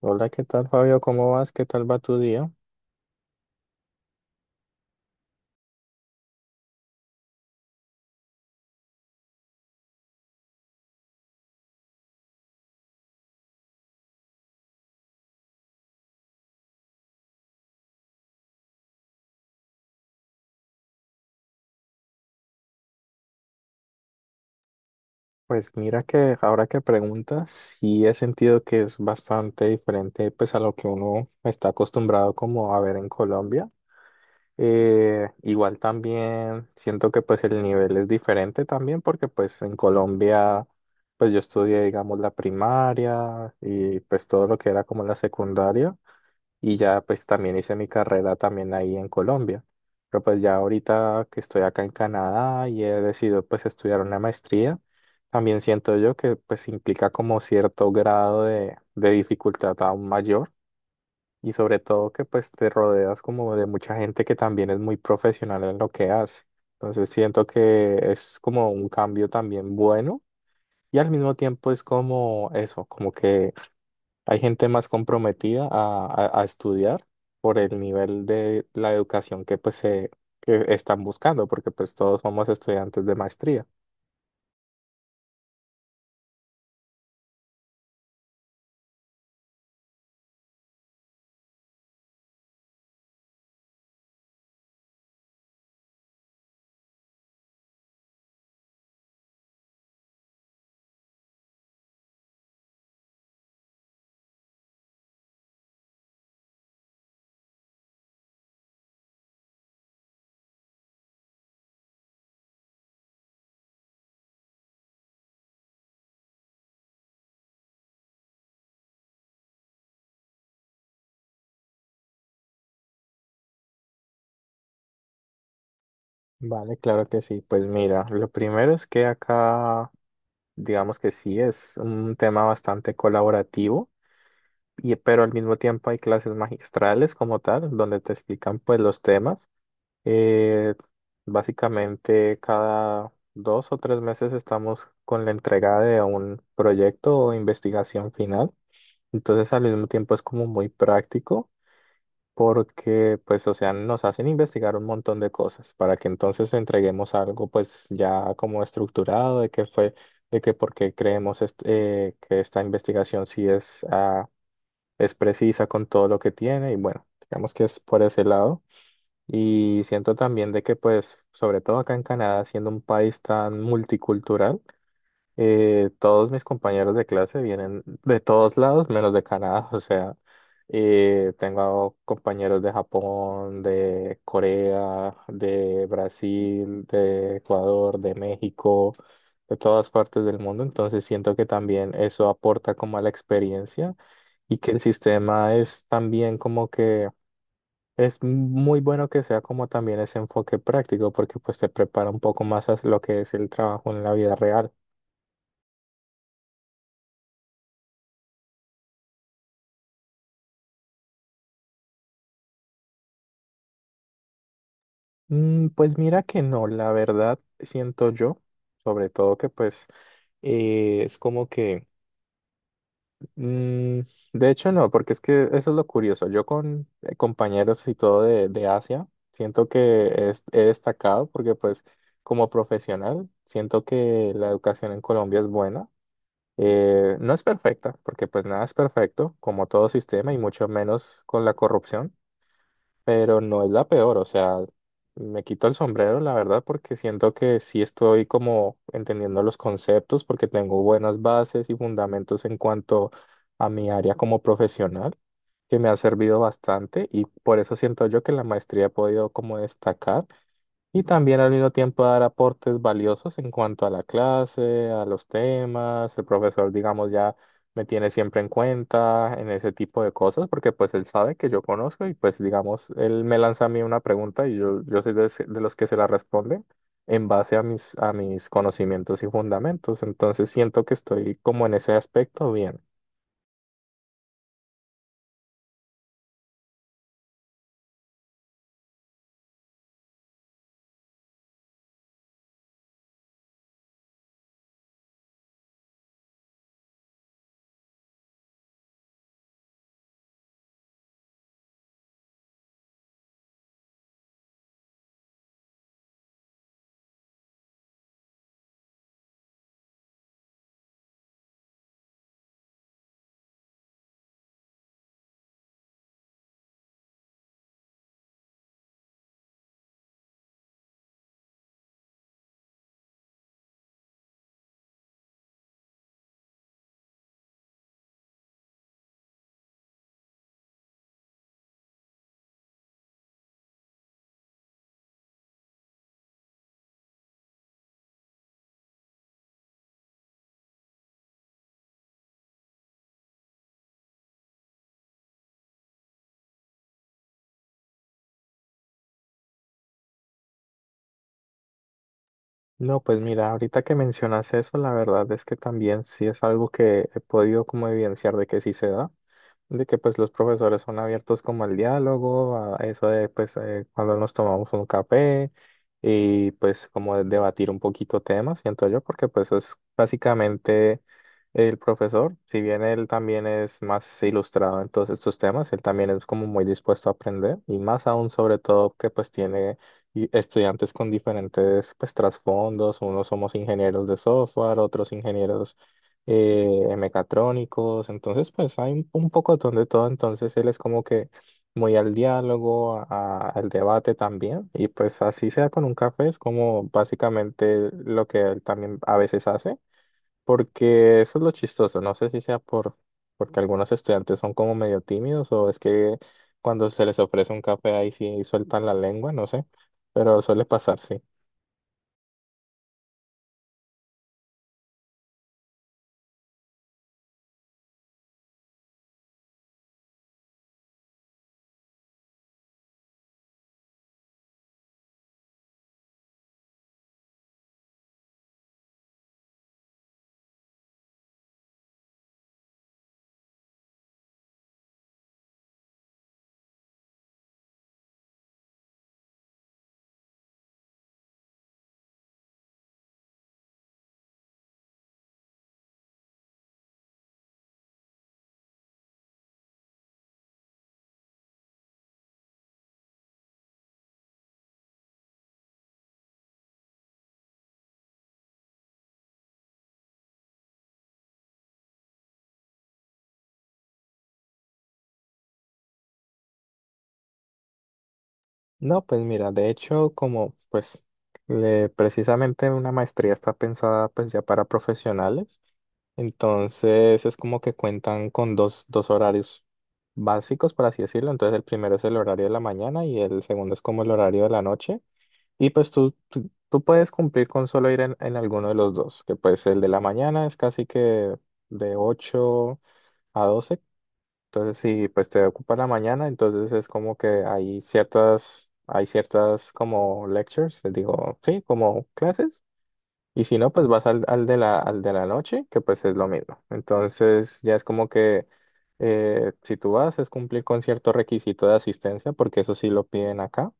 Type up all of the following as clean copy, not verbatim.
Hola, ¿qué tal, Fabio? ¿Cómo vas? ¿Qué tal va tu día? Pues mira que ahora que preguntas, sí he sentido que es bastante diferente pues a lo que uno está acostumbrado como a ver en Colombia. Igual también siento que pues el nivel es diferente también porque pues en Colombia pues yo estudié digamos la primaria y pues todo lo que era como la secundaria. Y ya pues también hice mi carrera también ahí en Colombia. Pero pues ya ahorita que estoy acá en Canadá y he decidido pues estudiar una maestría, también siento yo que pues implica como cierto grado de dificultad aún mayor y sobre todo que pues te rodeas como de mucha gente que también es muy profesional en lo que hace. Entonces siento que es como un cambio también bueno y al mismo tiempo es como eso, como que hay gente más comprometida a estudiar por el nivel de la educación que pues se que están buscando, porque pues todos somos estudiantes de maestría. Vale, claro que sí. Pues mira, lo primero es que acá, digamos que sí, es un tema bastante colaborativo, y, pero al mismo tiempo hay clases magistrales como tal, donde te explican pues los temas. Eh, Básicamente cada dos o tres meses estamos con la entrega de un proyecto o investigación final. Entonces al mismo tiempo es como muy práctico porque pues o sea nos hacen investigar un montón de cosas para que entonces entreguemos algo pues ya como estructurado de qué fue, de que por qué creemos que esta investigación sí es, es precisa con todo lo que tiene y bueno, digamos que es por ese lado. Y siento también de que, pues, sobre todo acá en Canadá, siendo un país tan multicultural, todos mis compañeros de clase vienen de todos lados, menos de Canadá. O sea, tengo compañeros de Japón, de Corea, de Brasil, de Ecuador, de México, de todas partes del mundo. Entonces siento que también eso aporta como a la experiencia y que el sistema es también como que es muy bueno que sea como también ese enfoque práctico, porque pues te prepara un poco más a lo que es el trabajo en la vida real. Mm, pues mira que no, la verdad siento yo, sobre todo que pues es como que, mm, de hecho no, porque es que eso es lo curioso. Yo con compañeros y todo de Asia, siento que he destacado porque pues como profesional, siento que la educación en Colombia es buena. No es perfecta, porque pues nada es perfecto, como todo sistema y mucho menos con la corrupción, pero no es la peor, o sea, me quito el sombrero, la verdad, porque siento que sí estoy como entendiendo los conceptos, porque tengo buenas bases y fundamentos en cuanto a mi área como profesional, que me ha servido bastante y por eso siento yo que en la maestría he podido como destacar y también al mismo tiempo dar aportes valiosos en cuanto a la clase, a los temas. El profesor, digamos, ya me tiene siempre en cuenta en ese tipo de cosas porque pues él sabe que yo conozco y pues digamos, él me lanza a mí una pregunta y yo soy de, de los que se la responden en base a mis conocimientos y fundamentos. Entonces siento que estoy como en ese aspecto bien. No, pues mira, ahorita que mencionas eso, la verdad es que también sí es algo que he podido como evidenciar de que sí se da. De que pues los profesores son abiertos como al diálogo, a eso de pues cuando nos tomamos un café y pues como de debatir un poquito temas, siento yo, porque pues es básicamente el profesor, si bien él también es más ilustrado en todos estos temas, él también es como muy dispuesto a aprender y más aún sobre todo que pues tiene estudiantes con diferentes pues trasfondos, unos somos ingenieros de software, otros ingenieros mecatrónicos, entonces pues hay un poco de todo, entonces él es como que muy al diálogo, al debate también, y pues así sea con un café, es como básicamente lo que él también a veces hace, porque eso es lo chistoso, no sé si sea por, porque algunos estudiantes son como medio tímidos o es que cuando se les ofrece un café ahí sí sueltan la lengua, no sé, pero suele pasar, sí. No, pues mira, de hecho, como pues precisamente una maestría está pensada pues ya para profesionales, entonces es como que cuentan con dos horarios básicos, por así decirlo. Entonces el primero es el horario de la mañana y el segundo es como el horario de la noche. Y pues tú, tú puedes cumplir con solo ir en alguno de los dos, que pues el de la mañana es casi que de 8 a 12. Entonces, si pues te ocupa la mañana, entonces es como que hay ciertas como lectures, les digo, sí, como clases. Y si no, pues vas al, al de la noche, que pues es lo mismo. Entonces, ya es como que si tú vas, es cumplir con cierto requisito de asistencia, porque eso sí lo piden acá.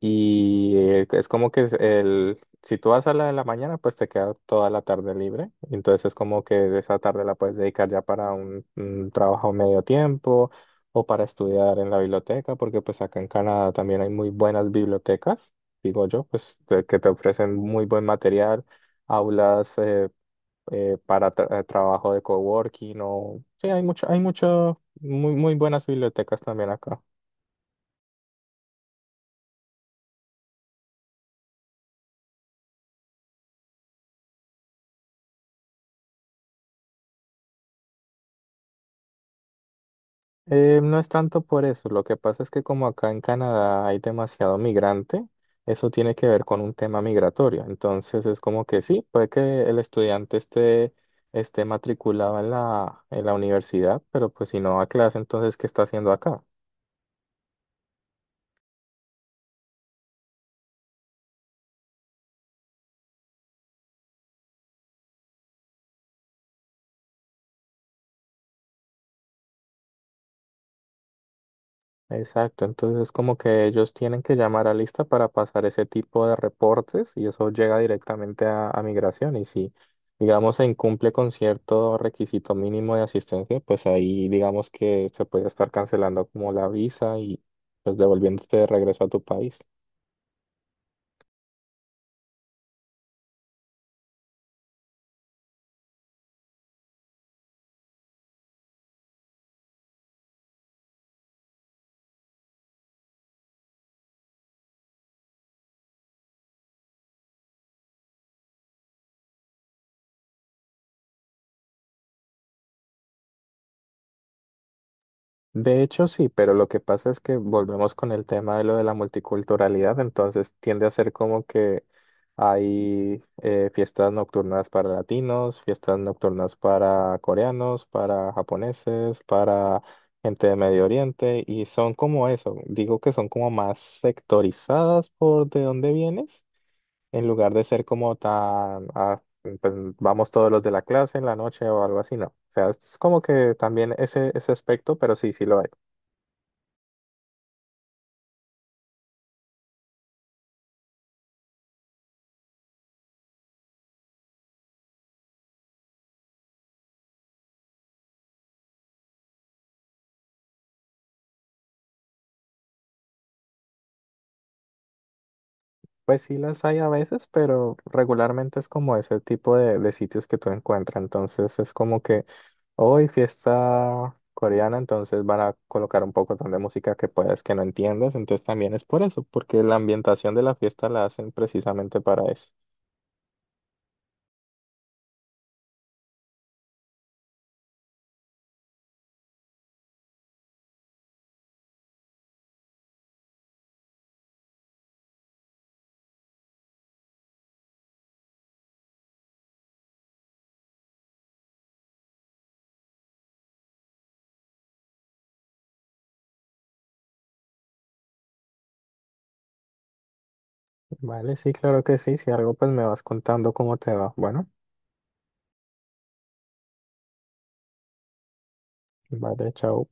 Y es como que es el, si tú vas a la de la mañana, pues te queda toda la tarde libre. Entonces es como que esa tarde la puedes dedicar ya para un trabajo medio tiempo o para estudiar en la biblioteca, porque pues acá en Canadá también hay muy buenas bibliotecas, digo yo, que te ofrecen muy buen material, aulas para trabajo de coworking o... Sí, hay mucho, muy, muy buenas bibliotecas también acá. No es tanto por eso, lo que pasa es que como acá en Canadá hay demasiado migrante, eso tiene que ver con un tema migratorio. Entonces es como que sí, puede que el estudiante esté, esté matriculado en la universidad, pero pues si no va a clase, entonces ¿qué está haciendo acá? Exacto, entonces como que ellos tienen que llamar a lista para pasar ese tipo de reportes y eso llega directamente a migración y si digamos se incumple con cierto requisito mínimo de asistencia, pues ahí digamos que se puede estar cancelando como la visa y pues devolviéndote de regreso a tu país. De hecho, sí, pero lo que pasa es que volvemos con el tema de lo de la multiculturalidad, entonces tiende a ser como que hay fiestas nocturnas para latinos, fiestas nocturnas para coreanos, para japoneses, para gente de Medio Oriente, y son como eso, digo que son como más sectorizadas por de dónde vienes, en lugar de ser como tan, pues, vamos todos los de la clase en la noche o algo así, no. O sea, es como que también ese aspecto, pero sí, sí lo hay. Pues sí las hay a veces, pero regularmente es como ese tipo de sitios que tú encuentras. Entonces es como que hoy fiesta coreana, entonces van a colocar un poco de música que puedas que no entiendas. Entonces también es por eso, porque la ambientación de la fiesta la hacen precisamente para eso. Vale, sí, claro que sí. Si algo, pues me vas contando cómo te va. Bueno, vale, chao.